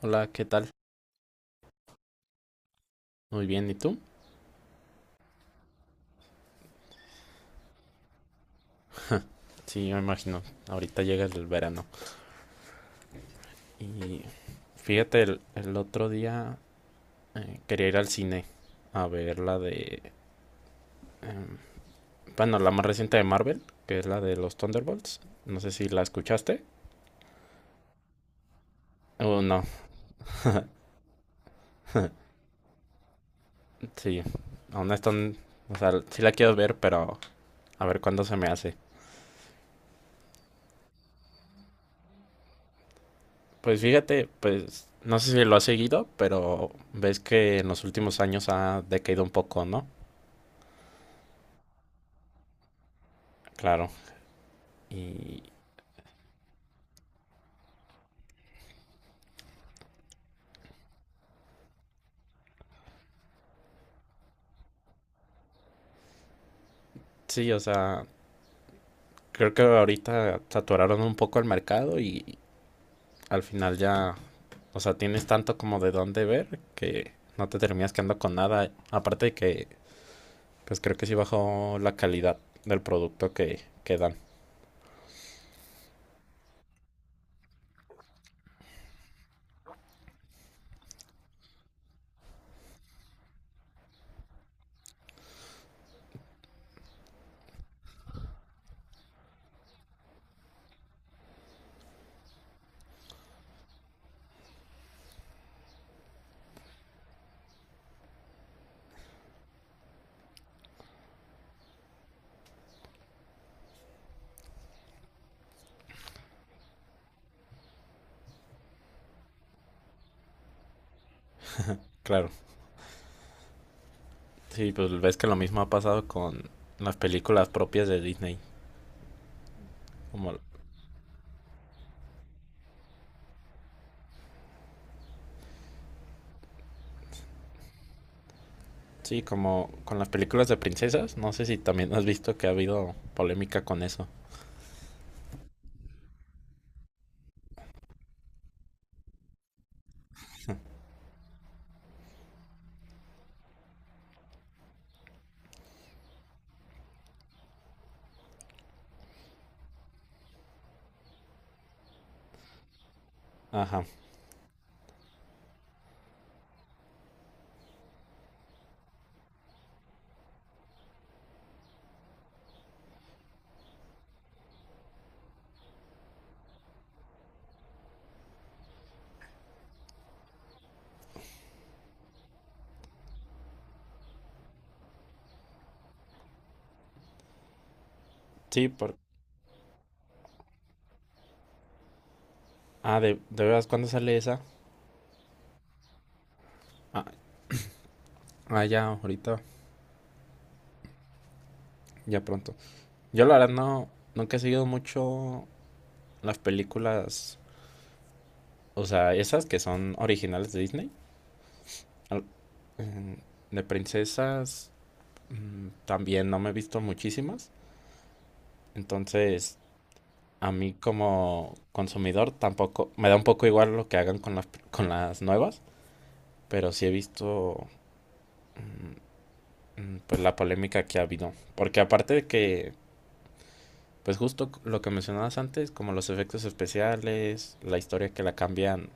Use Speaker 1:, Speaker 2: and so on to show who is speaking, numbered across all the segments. Speaker 1: Hola, ¿qué tal? Muy bien, ¿y tú? Sí, me imagino. Ahorita llega el verano. Y fíjate, el otro día quería ir al cine a ver la de... em, bueno, la más reciente de Marvel, que es la de los Thunderbolts. No sé si la escuchaste. O no, sí. Aún no están... O sea, sí la quiero ver, pero a ver cuándo se me hace. Pues fíjate, pues no sé si lo has seguido, pero ves que en los últimos años ha decaído un poco, ¿no? Claro. Y sí, o sea, creo que ahorita saturaron un poco el mercado y al final ya, o sea, tienes tanto como de dónde ver que no te terminas quedando con nada. Aparte de que, pues creo que sí bajó la calidad del producto que dan. Claro, sí, pues ves que lo mismo ha pasado con las películas propias de Disney. Como, sí, como con las películas de princesas. No sé si también has visto que ha habido polémica con eso. Ajá, sí, por... Ah, de veras, ¿cuándo sale esa? Ah, ah, ya, ahorita. Ya pronto. Yo la verdad no, nunca he seguido mucho las películas, o sea, esas que son originales de Disney, al- em, de princesas, también no me he visto muchísimas. Entonces, a mí como consumidor tampoco, me da un poco igual lo que hagan con las nuevas, pero sí he visto mm, pues la polémica que ha habido. Porque aparte de que, pues justo lo que mencionabas antes, como los efectos especiales, la historia que la cambian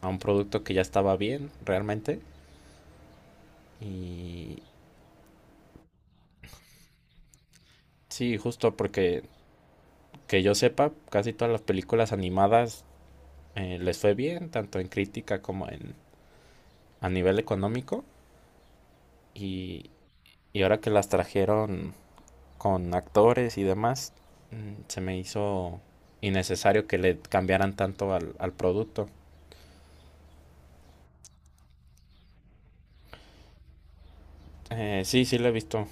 Speaker 1: a un producto que ya estaba bien realmente. Y sí, justo porque que yo sepa, casi todas las películas animadas les fue bien, tanto en crítica como en a nivel económico. Y, y ahora que las trajeron con actores y demás, se me hizo innecesario que le cambiaran tanto al, al producto. Sí, sí lo he visto.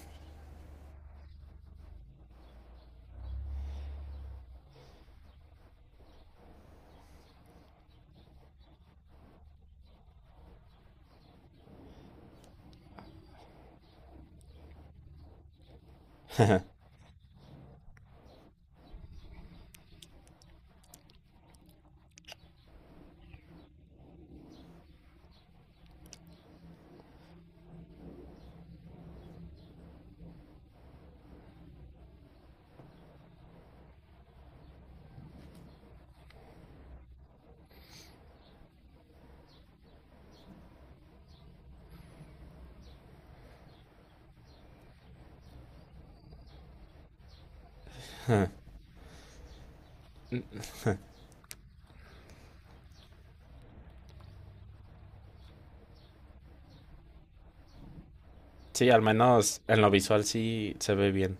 Speaker 1: Sí, al menos en lo visual sí se ve bien.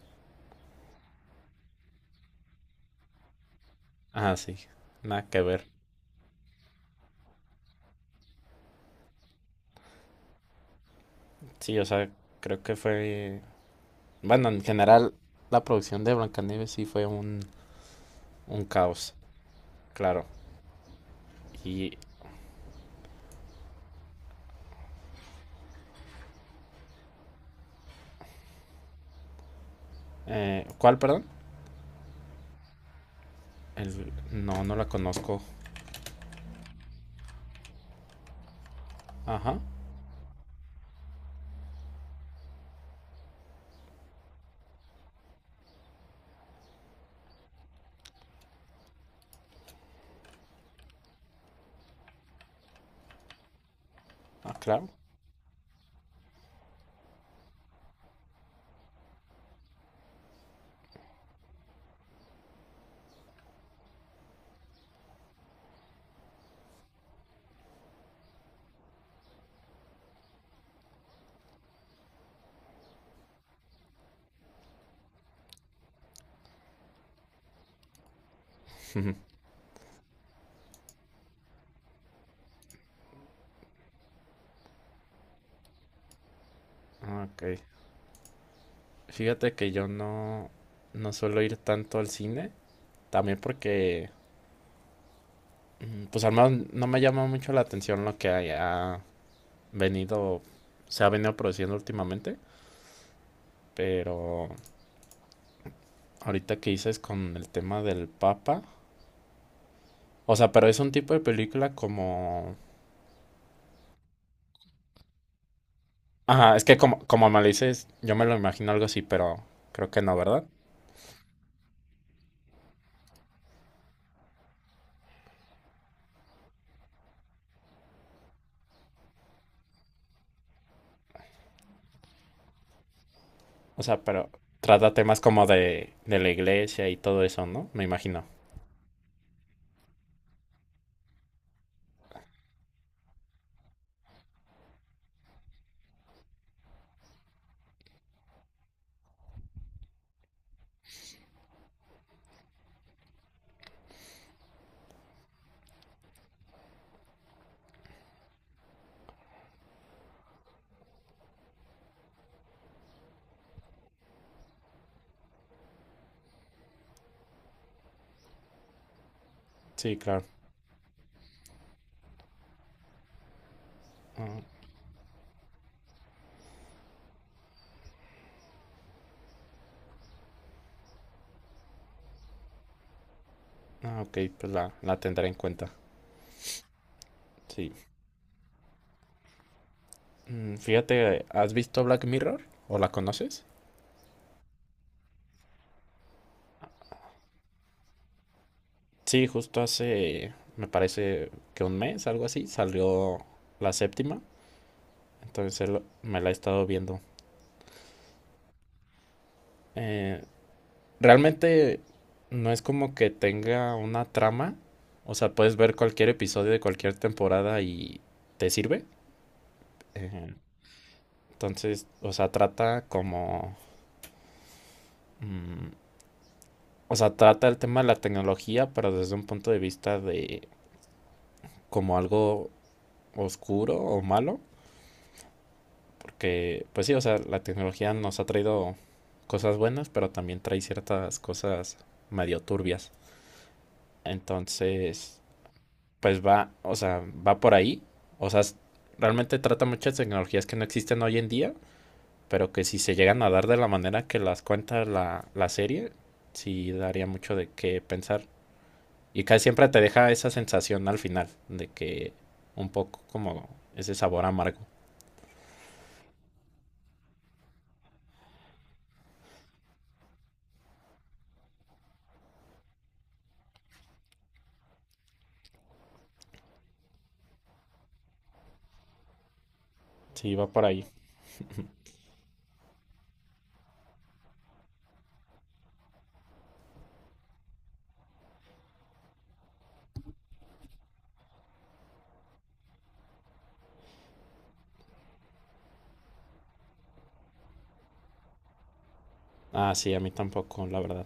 Speaker 1: Ah, sí. Nada que ver. Sí, o sea, creo que fue bueno, en general, la producción de Blancanieves sí fue un caos, claro. Y, ¿cuál, perdón? El- no, no la conozco. Ajá, ah, claro. Ah, ok. Fíjate que yo no, no suelo ir tanto al cine, también porque, pues al menos no me llama mucho la atención lo que haya venido, se ha venido produciendo últimamente, pero ahorita que dices con el tema del Papa, o sea, pero es un tipo de película como ajá, es que como, como me lo dices, yo me lo imagino algo así, pero creo que no, ¿verdad? O sea, pero trata temas como de la iglesia y todo eso, ¿no? Me imagino. Sí, claro. Ah, ah, ok, pues la tendré en cuenta. Sí. Mm, fíjate, ¿has visto Black Mirror? ¿O la conoces? Sí, justo hace, me parece que un mes, algo así, salió la séptima. Entonces él- me la he estado viendo. Eh, Realmente no es como que tenga una trama. O sea, puedes ver cualquier episodio de cualquier temporada y te sirve. Eh, entonces, o sea, trata como... mm, o sea, trata el tema de la tecnología, pero desde un punto de vista de como algo oscuro o malo. Porque, pues sí, o sea, la tecnología nos ha traído cosas buenas, pero también trae ciertas cosas medio turbias. Entonces, pues va, o sea, va por ahí. O sea, es- realmente trata muchas tecnologías que no existen hoy en día, pero que si se llegan a dar de la manera que las cuenta la serie, sí daría mucho de qué pensar. Y casi siempre te deja esa sensación al final, de que un poco como ese sabor amargo. Sí, va por ahí. Ah, sí, a mí tampoco, la verdad.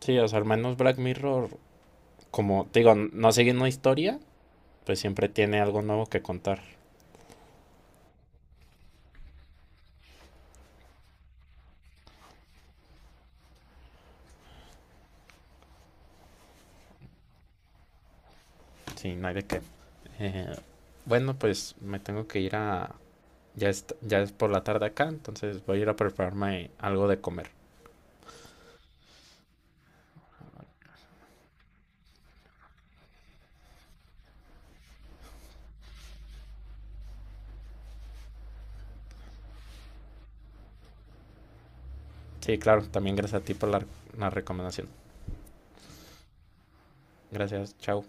Speaker 1: Sí, o sea, al menos Black Mirror, como te digo, no sigue una historia, pues siempre tiene algo nuevo que contar. Sí, no hay de qué. Eh, bueno, pues me tengo que ir a... ya es por la tarde acá, entonces voy a ir a prepararme algo de comer. Sí, claro, también gracias a ti por la recomendación. Gracias, chao.